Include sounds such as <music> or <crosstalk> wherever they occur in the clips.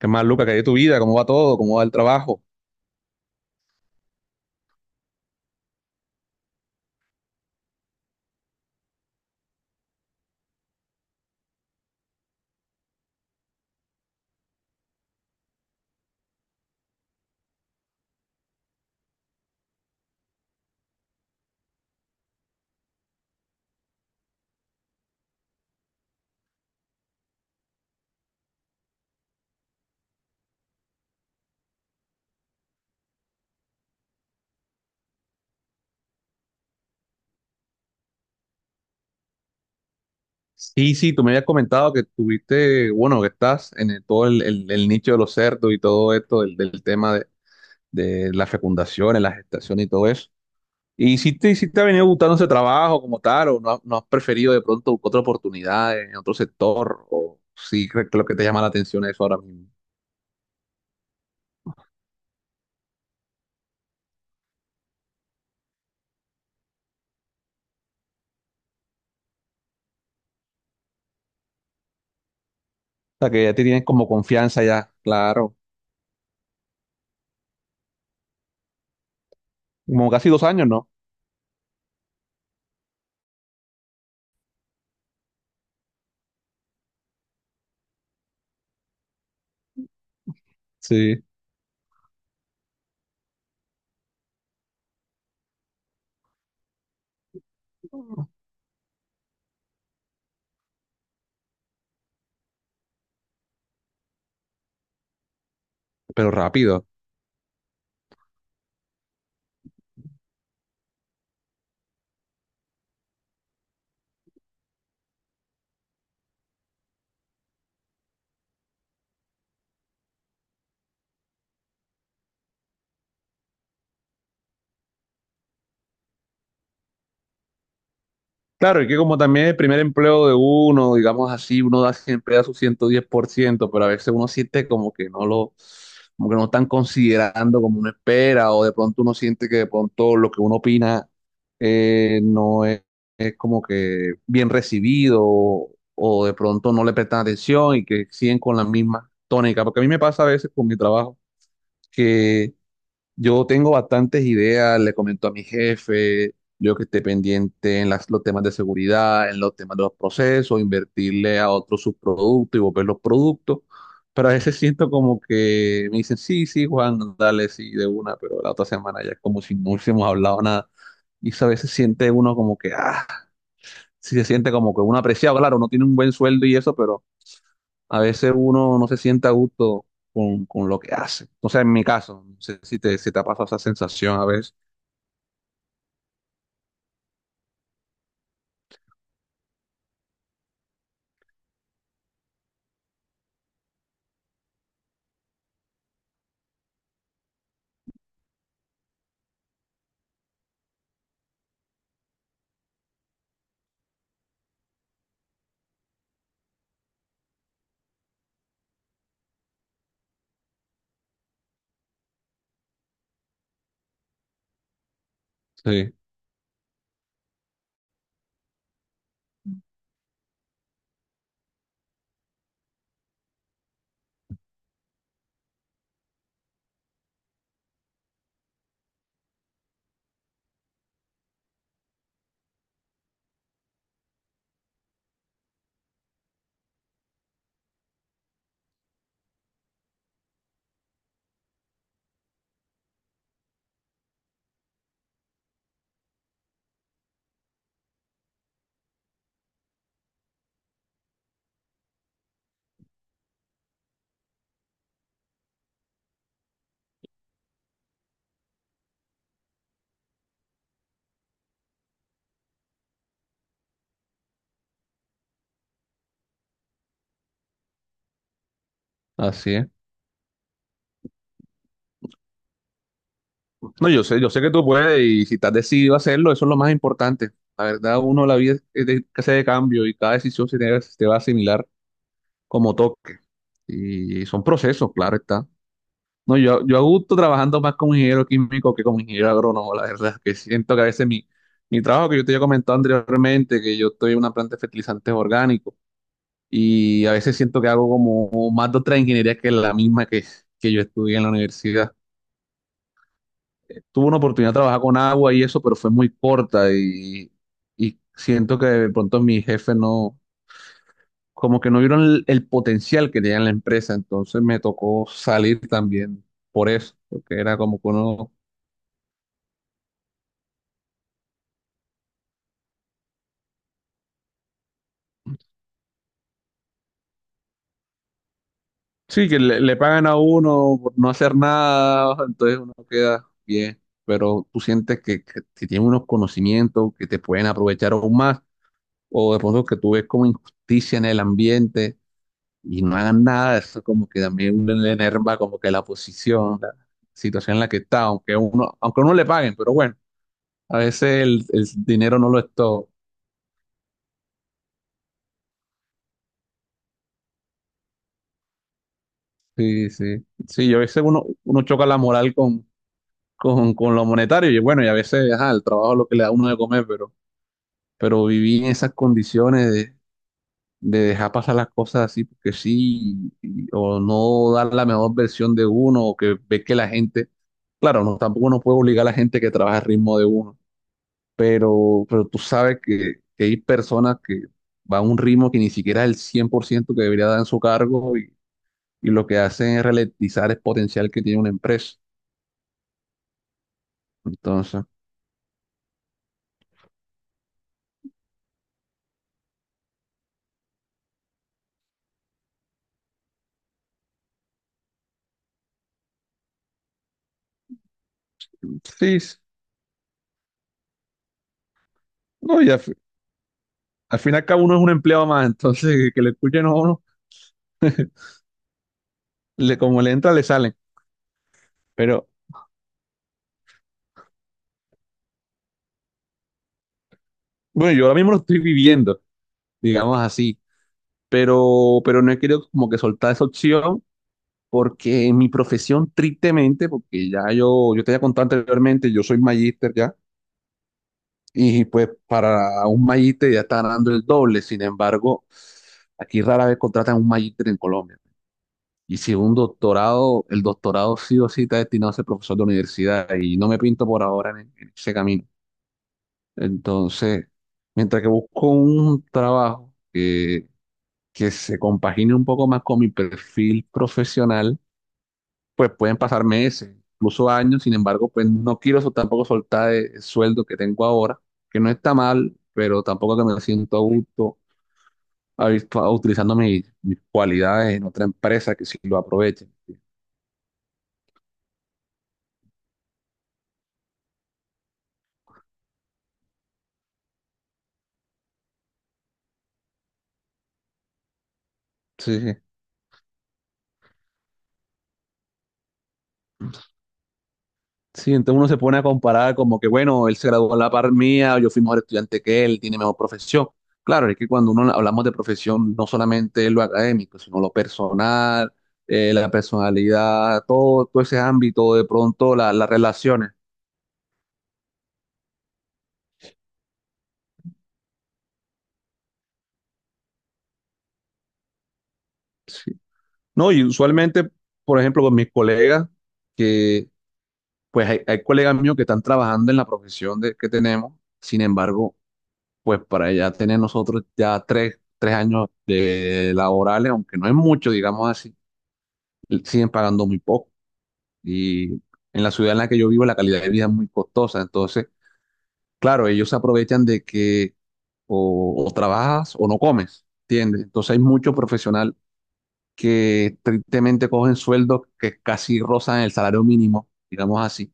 ¿Qué más, Luca? ¿Qué hay de tu vida? ¿Cómo va todo? ¿Cómo va el trabajo? Sí, sí, tú me habías comentado que tuviste, bueno, que estás todo el nicho de los cerdos y todo esto, del tema de las fecundaciones, la gestación y todo eso. ¿Y si te ha venido gustando ese trabajo como tal, o no, has no has preferido de pronto buscar otra oportunidad en otro sector, o sí crees que lo que te llama la atención es eso ahora mismo? O sea, que ya te tienes como confianza ya, claro, como casi 2 años, ¿no? Sí, pero rápido. Claro, y que como también el primer empleo de uno, digamos así, uno da siempre da su 110%, pero a veces uno siente como que no están considerando como uno espera, o de pronto uno siente que de pronto lo que uno opina no es, es como que bien recibido, o de pronto no le prestan atención y que siguen con la misma tónica, porque a mí me pasa a veces con mi trabajo que yo tengo bastantes ideas, le comento a mi jefe, yo que esté pendiente en los temas de seguridad, en los temas de los procesos, invertirle a otros subproductos y volver los productos, pero a veces <laughs> siento como que me dicen, sí, sí, Juan, dale, sí, de una, pero la otra semana ya es como si no hubiésemos hablado nada. Y eso a veces siente uno como que, ah, sí se siente como que uno apreciado, claro, uno tiene un buen sueldo y eso, pero a veces uno no se siente a gusto con lo que hace. O sea, en mi caso, no sé si te ha pasado esa sensación a veces. Sí, así es. No, yo sé que tú puedes y si estás decidido a hacerlo, eso es lo más importante. La verdad, uno la vida es de, que de cambio y cada decisión se te va a asimilar como toque. Y son procesos, claro está. No, yo a gusto trabajando más como ingeniero químico que como ingeniero agrónomo, la verdad, que siento que a veces mi trabajo que yo te había comentado anteriormente, que yo estoy en una planta de fertilizantes orgánicos y a veces siento que hago como más de otra ingeniería que la misma que yo estudié en la universidad. Tuve una oportunidad de trabajar con agua y eso, pero fue muy corta y siento que de pronto mi jefe no, como que no vieron el potencial que tenía en la empresa, entonces me tocó salir también por eso, porque era como que uno, sí, que le pagan a uno por no hacer nada, entonces uno queda bien, pero tú sientes que tienes unos conocimientos que te pueden aprovechar aún más, o de pronto que tú ves como injusticia en el ambiente. Y no hagan nada, eso como que también uno le enerva como que la posición, la situación en la que está, aunque uno le paguen, pero bueno, a veces el dinero no lo es todo. Sí, sí. Sí, y a veces uno choca la moral con, lo monetario, y bueno, y a veces, ajá, el trabajo es lo que le da a uno de comer, pero vivir en esas condiciones de dejar pasar las cosas así porque sí, y- o no dar la mejor versión de uno, o que ve que la gente, claro, no, tampoco uno puede obligar a la gente que trabaja al ritmo de uno pero tú sabes que hay personas que van a un ritmo que ni siquiera es el 100% que debería dar en su cargo y lo que hacen es ralentizar el potencial que tiene una empresa. Entonces, sí, sí. No, y al fin y uno es un empleado más, entonces que le escuchen a uno, como le entra, le salen. Pero bueno, yo ahora mismo lo estoy viviendo, digamos así, pero no he querido como que soltar esa opción. Porque en mi profesión, tristemente, porque ya yo te había contado anteriormente, yo soy magíster ya. Y pues para un Magíter ya está ganando el doble. Sin embargo, aquí rara vez contratan un Magíter en Colombia. Y si un doctorado, el doctorado sí o sí está destinado a ser profesor de universidad y no me pinto por ahora en, ese camino. Entonces, mientras que busco un trabajo que se compagine un poco más con mi perfil profesional, pues pueden pasar meses, incluso años, sin embargo, pues no quiero tampoco soltar el sueldo que tengo ahora, que no está mal, pero tampoco que me siento a gusto a- utilizando mis cualidades en otra empresa que sí lo aprovechen. Sí, sí. Sí, entonces uno se pone a comparar como que, bueno, él se graduó a la par mía, yo fui mejor estudiante que él, tiene mejor profesión. Claro, es que cuando uno hablamos de profesión, no solamente es lo académico, sino lo personal, la personalidad, todo, todo ese ámbito, de pronto las relaciones. Sí. No, y usualmente, por ejemplo, con mis colegas, que pues hay colegas míos que están trabajando en la profesión de, que tenemos, sin embargo, pues para ya tener nosotros ya tres años de laborales, aunque no es mucho, digamos así, siguen pagando muy poco. Y en la ciudad en la que yo vivo la calidad de vida es muy costosa, entonces, claro, ellos se aprovechan de que o trabajas o no comes, ¿entiendes? Entonces hay mucho profesional que tristemente cogen sueldos que casi rozan el salario mínimo, digamos así,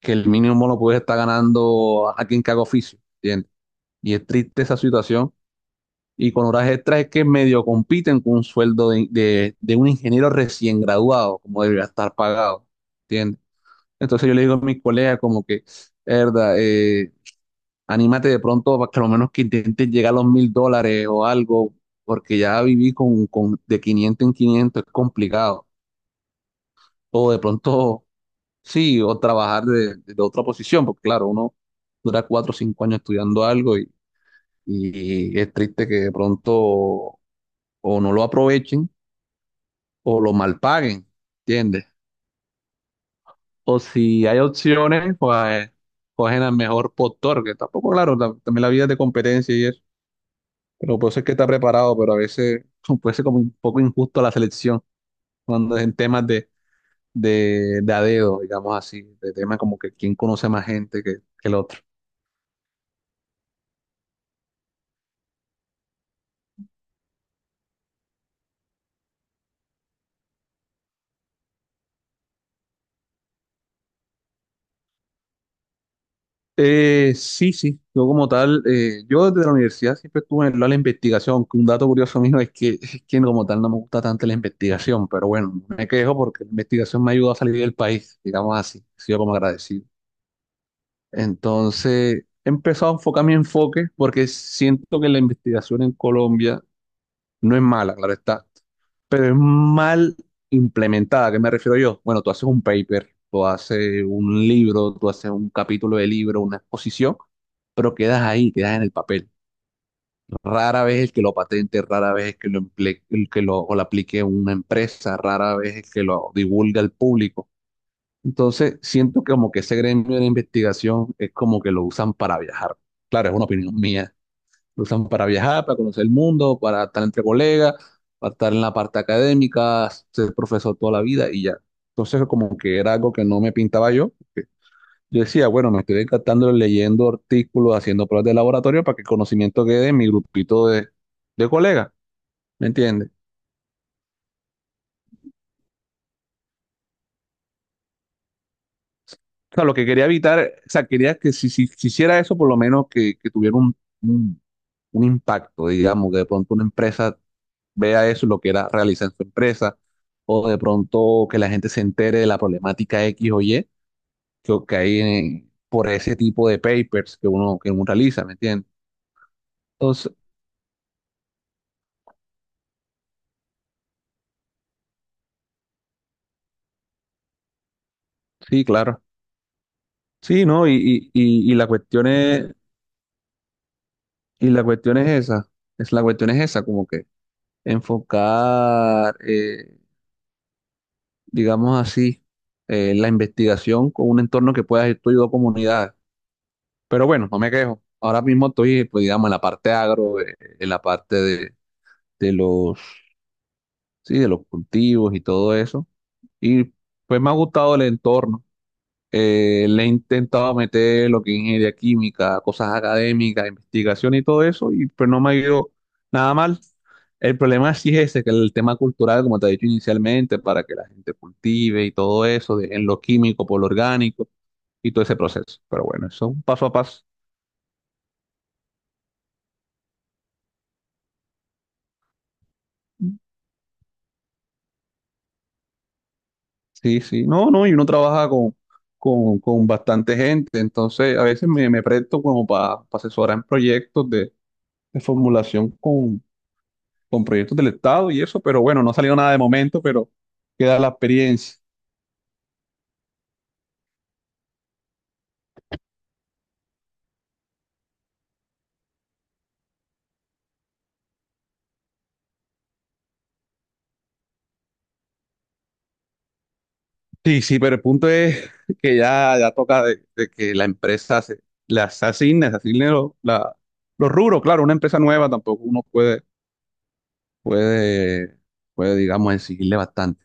que el mínimo lo puede estar ganando alguien que haga oficio, ¿entiendes? Y es triste esa situación. Y con horas extras es que medio compiten con un sueldo de, de un ingeniero recién graduado, como debería estar pagado, ¿entiendes? Entonces yo le digo a mis colegas como que, verdad, anímate de pronto para que lo menos que intentes llegar a los $1000 o algo, porque ya viví con de 500 en 500 es complicado. O de pronto, sí, o trabajar de otra posición, porque claro, uno dura 4 o 5 años estudiando algo y es triste que de pronto o no lo aprovechen o lo mal paguen, ¿entiendes? O si hay opciones, pues cogen al mejor postor, que tampoco, claro, la- también la vida es de competencia y eso, pero puede ser que está preparado, pero a veces <laughs> puede ser como un poco injusto la selección cuando es en temas de de a dedo, digamos así, de temas como que quién conoce más gente que el otro. Sí, sí, yo como tal, yo desde la universidad siempre estuve en el lado de la investigación, aunque un dato curioso mío es que como tal no me gusta tanto la investigación, pero bueno, no me quejo porque la investigación me ayudó a salir del país, digamos así, he sido como agradecido. Entonces, he empezado a enfocar mi enfoque porque siento que la investigación en Colombia no es mala, claro está, pero es mal implementada. ¿A qué me refiero yo? Bueno, tú haces un paper, tú haces un libro, tú haces un capítulo de libro, una exposición, pero quedas ahí, quedas en el papel. Rara vez el que lo patente, rara vez el que lo, o lo aplique una empresa, rara vez el que lo divulga al público. Entonces, siento que como que ese gremio de investigación es como que lo usan para viajar. Claro, es una opinión mía, lo usan para viajar, para conocer el mundo, para estar entre colegas, para estar en la parte académica, ser profesor toda la vida y ya. Entonces, como que era algo que no me pintaba yo, porque yo decía, bueno, me estoy encantando leyendo artículos, haciendo pruebas de laboratorio para que el conocimiento quede en mi grupito de colegas, ¿me entiendes? O sea, lo que quería evitar, o sea, quería que si hiciera eso, por lo menos que tuviera un, un impacto, digamos, que de pronto una empresa vea eso, lo que era, realiza en su empresa, o de pronto que la gente se entere de la problemática X o Y que hay por ese tipo de papers que uno realiza, ¿me entiendes? Entonces, sí, claro. Sí, ¿no? Y la cuestión es, y la cuestión es esa, la cuestión es esa, como que enfocar, digamos así, la investigación con un entorno que pueda ir tú y dos comunidades. Pero bueno, no me quejo. Ahora mismo estoy, pues, digamos, en la parte agro, en la parte de los, sí, de los cultivos y todo eso. Y pues me ha gustado el entorno. Le he intentado meter lo que es ingeniería química, cosas académicas, investigación y todo eso, y pues no me ha ido nada mal. El problema sí es ese, que el tema cultural, como te he dicho inicialmente, para que la gente cultive y todo eso, de- en lo químico por lo orgánico y todo ese proceso. Pero bueno, eso es un paso a paso. Sí, sí, no, no, y uno trabaja con, con bastante gente, entonces a veces me presto como para asesorar en proyectos de formulación con proyectos del Estado y eso, pero bueno, no ha salido nada de momento, pero queda la experiencia. Sí, sí, pero el punto es <laughs> que ya, ya toca de que la empresa se, se asigne los rubros, claro, una empresa nueva tampoco uno puede, puede, puede, digamos, exigirle bastante.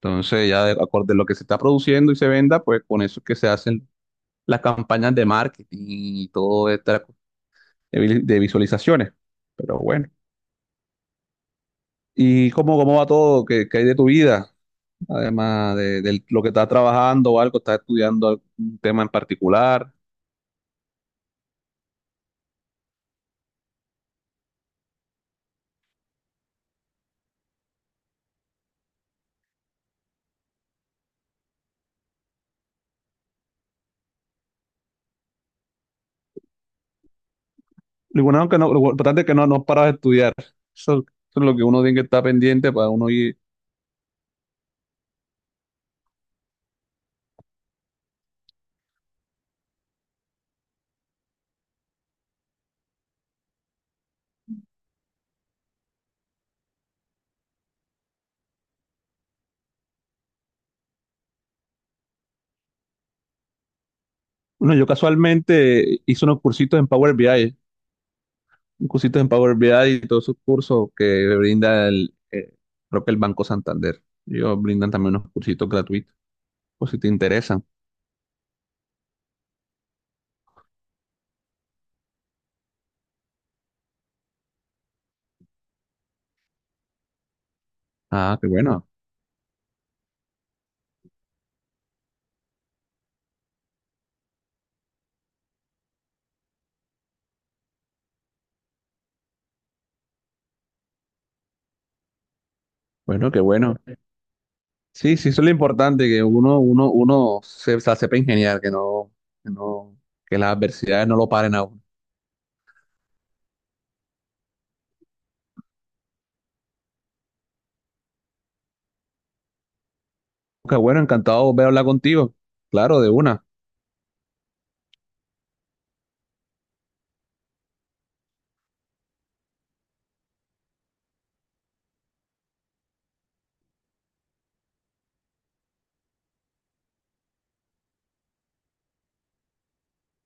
Entonces, ya de acorde a lo que se está produciendo y se venda, pues con eso es que se hacen las campañas de marketing y todo esta de, de visualizaciones. Pero bueno. ¿Y cómo va todo? ¿Qué hay de tu vida? Además de lo que estás trabajando o algo, estás estudiando algún tema en particular. Lo bueno que no, lo importante es que no, paras de estudiar. Eso es lo que uno tiene que estar pendiente para uno ir. Bueno, yo casualmente hice unos cursitos en Power BI. Y todos sus cursos que brinda el, creo que el Banco Santander. Ellos brindan también unos cursitos gratuitos, por si te interesa. Ah, qué bueno, bueno, qué bueno. Sí, sí, eso es lo importante, que uno se sepa ingeniar, que no, que las adversidades no lo paren a uno. Qué bueno, encantado de volver a hablar contigo. Claro, de una.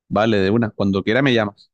Vale, de una. Cuando quiera me llamas.